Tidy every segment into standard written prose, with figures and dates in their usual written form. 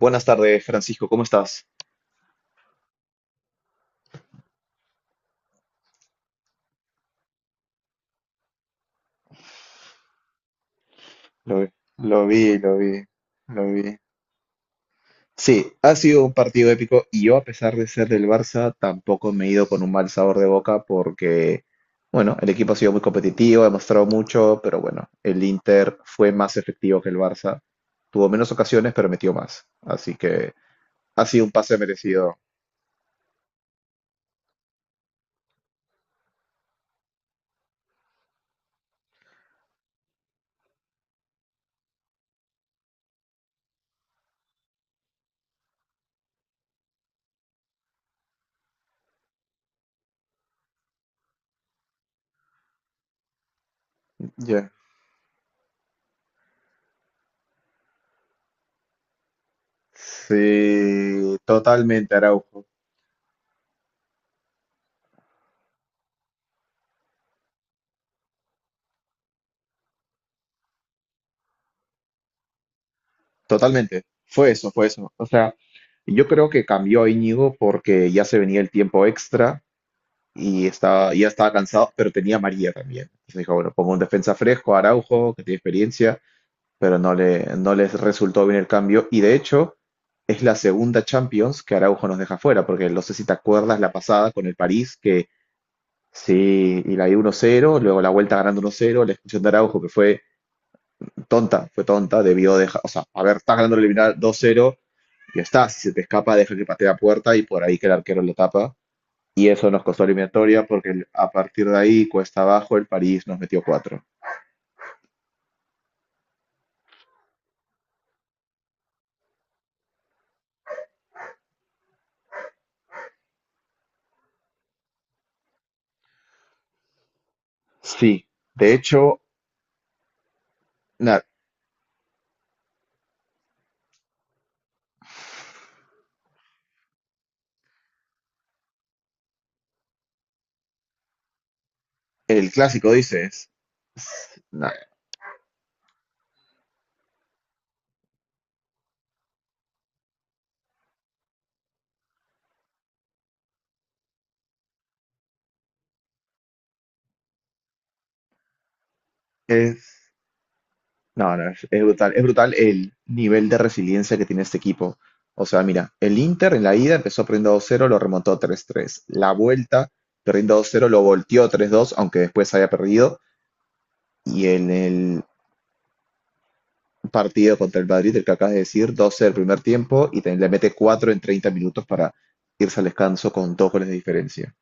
Buenas tardes, Francisco, ¿cómo estás? Lo, vi, lo vi, lo vi. Lo vi. Sí, ha sido un partido épico y yo, a pesar de ser del Barça, tampoco me he ido con un mal sabor de boca porque, bueno, el equipo ha sido muy competitivo, ha mostrado mucho, pero bueno, el Inter fue más efectivo que el Barça. Tuvo menos ocasiones, pero metió más. Así que ha sido un pase merecido. Ya. Sí, totalmente, Araujo. Totalmente, fue eso, fue eso. O sea, yo creo que cambió a Íñigo porque ya se venía el tiempo extra y estaba, ya estaba cansado, pero tenía a María también. Entonces dijo, bueno, pongo un defensa fresco, Araujo, que tiene experiencia, pero no les resultó bien el cambio. Y de hecho, es la segunda Champions que Araujo nos deja fuera, porque no sé si te acuerdas la pasada con el París, que sí, y la dio 1-0, luego la vuelta ganando 1-0, la expulsión de Araujo, que fue tonta, debió dejar, o sea, haber, está ganando el eliminar 2-0, ya está, si se te escapa, deja que patee a puerta y por ahí que el arquero lo tapa. Y eso nos costó eliminatoria porque a partir de ahí, cuesta abajo, el París nos metió cuatro. Sí, de hecho, na- el clásico dices, es- na- es, no, no, es brutal el nivel de resiliencia que tiene este equipo. O sea, mira, el Inter en la ida empezó perdiendo 2-0, lo remontó 3-3. La vuelta, perdiendo 2-0, lo volteó 3-2, aunque después haya perdido. Y en el partido contra el Madrid, el que acabas de decir, 12 del primer tiempo le mete 4 en 30 minutos para irse al descanso con dos goles de diferencia.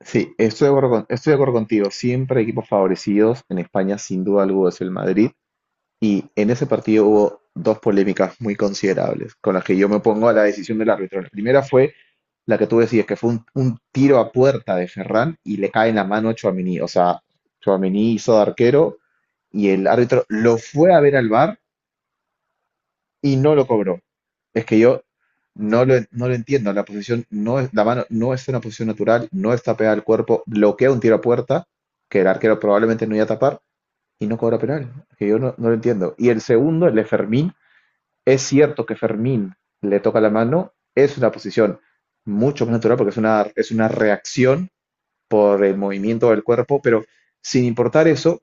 Sí, estoy de acuerdo, estoy de acuerdo contigo. Siempre hay equipos favorecidos. En España, sin duda alguna, es el Madrid. Y en ese partido hubo dos polémicas muy considerables con las que yo me opongo a la decisión del árbitro. La primera fue la que tú decías, que fue un tiro a puerta de Ferran y le cae en la mano a Tchouaméni. O sea, Tchouaméni hizo de arquero y el árbitro lo fue a ver al VAR y no lo cobró. Es que yo no lo entiendo. La posición no es, la mano no es una posición natural, no está pegada al cuerpo, bloquea un tiro a puerta que el arquero probablemente no iba a tapar y no cobra penal. Es que yo no, no lo entiendo. Y el segundo, el de Fermín, es cierto que Fermín le toca la mano, es una posición mucho más natural porque es una reacción por el movimiento del cuerpo, pero sin importar eso,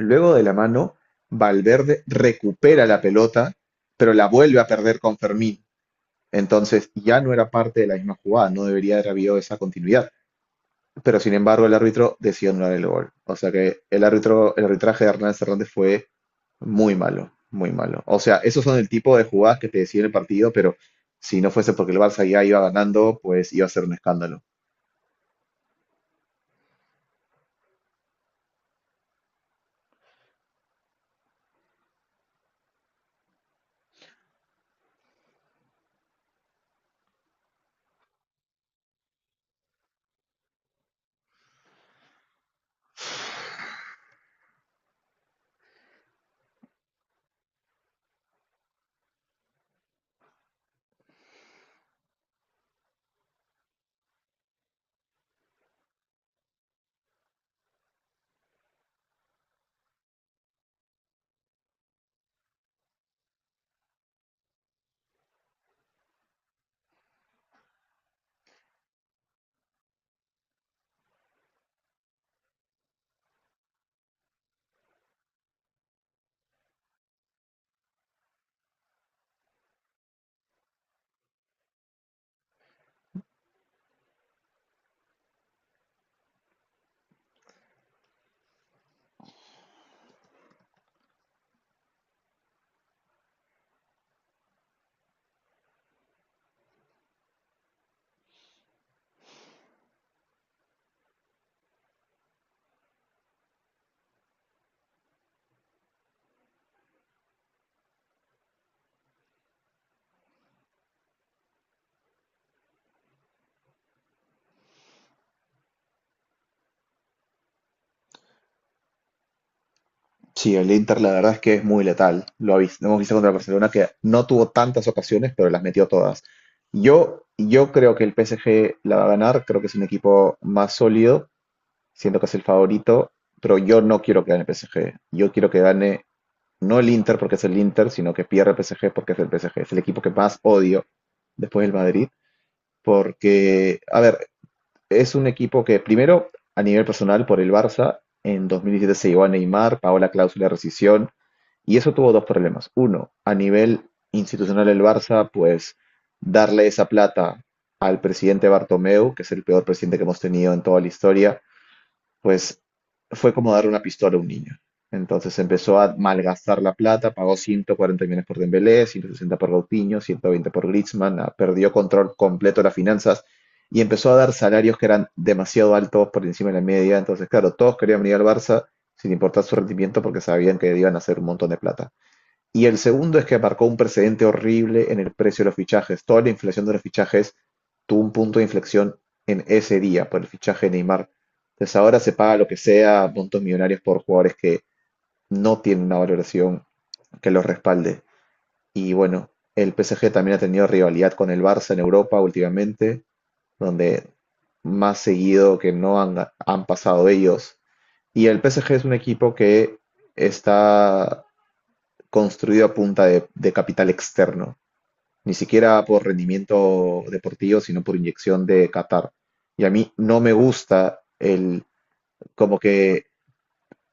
luego de la mano, Valverde recupera la pelota, pero la vuelve a perder con Fermín. Entonces ya no era parte de la misma jugada, no debería haber habido esa continuidad. Pero sin embargo, el árbitro decidió anular el gol. O sea que el árbitro, el arbitraje de Hernán Hernández fue muy malo, muy malo. O sea, esos son el tipo de jugadas que te deciden el partido, pero si no fuese porque el Barça ya iba ganando, pues iba a ser un escándalo. Sí, el Inter la verdad es que es muy letal. Hemos visto contra el Barcelona que no tuvo tantas ocasiones, pero las metió todas. Yo creo que el PSG la va a ganar, creo que es un equipo más sólido, siento que es el favorito, pero yo no quiero que gane el PSG. Yo quiero que gane no el Inter porque es el Inter, sino que pierda el PSG porque es el PSG. Es el equipo que más odio después del Madrid, porque, a ver, es un equipo que primero, a nivel personal, por el Barça, en 2017 se llevó a Neymar, pagó la cláusula de rescisión, y eso tuvo dos problemas. Uno, a nivel institucional el Barça, pues darle esa plata al presidente Bartomeu, que es el peor presidente que hemos tenido en toda la historia, pues fue como dar una pistola a un niño. Entonces empezó a malgastar la plata, pagó 140 millones por Dembélé, 160 por Coutinho, 120 por Griezmann, ah, perdió control completo de las finanzas y empezó a dar salarios que eran demasiado altos por encima de la media. Entonces, claro, todos querían venir al Barça sin importar su rendimiento porque sabían que iban a hacer un montón de plata. Y el segundo es que marcó un precedente horrible en el precio de los fichajes. Toda la inflación de los fichajes tuvo un punto de inflexión en ese día por el fichaje de Neymar. Entonces ahora se paga lo que sea, puntos millonarios por jugadores que no tienen una valoración que los respalde. Y bueno, el PSG también ha tenido rivalidad con el Barça en Europa últimamente, donde más seguido que no han, han pasado ellos. Y el PSG es un equipo que está construido a punta de capital externo ni siquiera por rendimiento deportivo, sino por inyección de Qatar. Y a mí no me gusta el, como que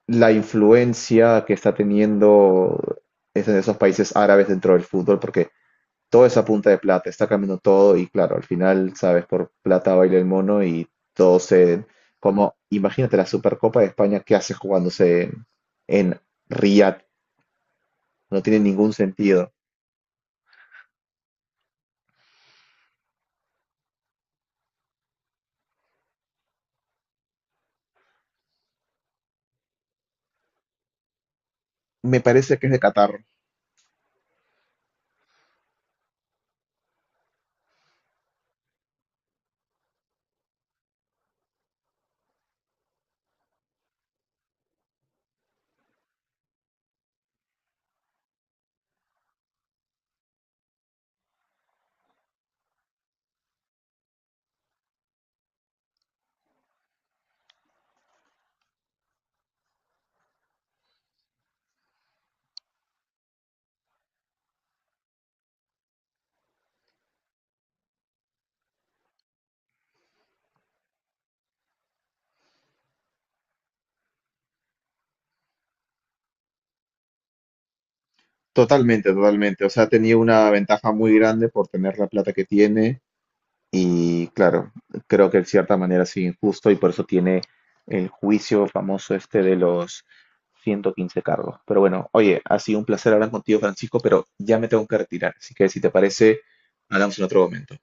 la influencia que está teniendo es en esos países árabes dentro del fútbol, porque toda esa punta de plata está cambiando todo y claro, al final, sabes, por plata baila el mono y todo se... Como, imagínate la Supercopa de España qué hace jugándose en Riyadh, no tiene ningún sentido. Me parece que es de Qatar. Totalmente, totalmente. O sea, tenía una ventaja muy grande por tener la plata que tiene y claro, creo que de cierta manera es injusto y por eso tiene el juicio famoso este de los 115 cargos. Pero bueno, oye, ha sido un placer hablar contigo, Francisco, pero ya me tengo que retirar. Así que si te parece, hablamos en otro momento.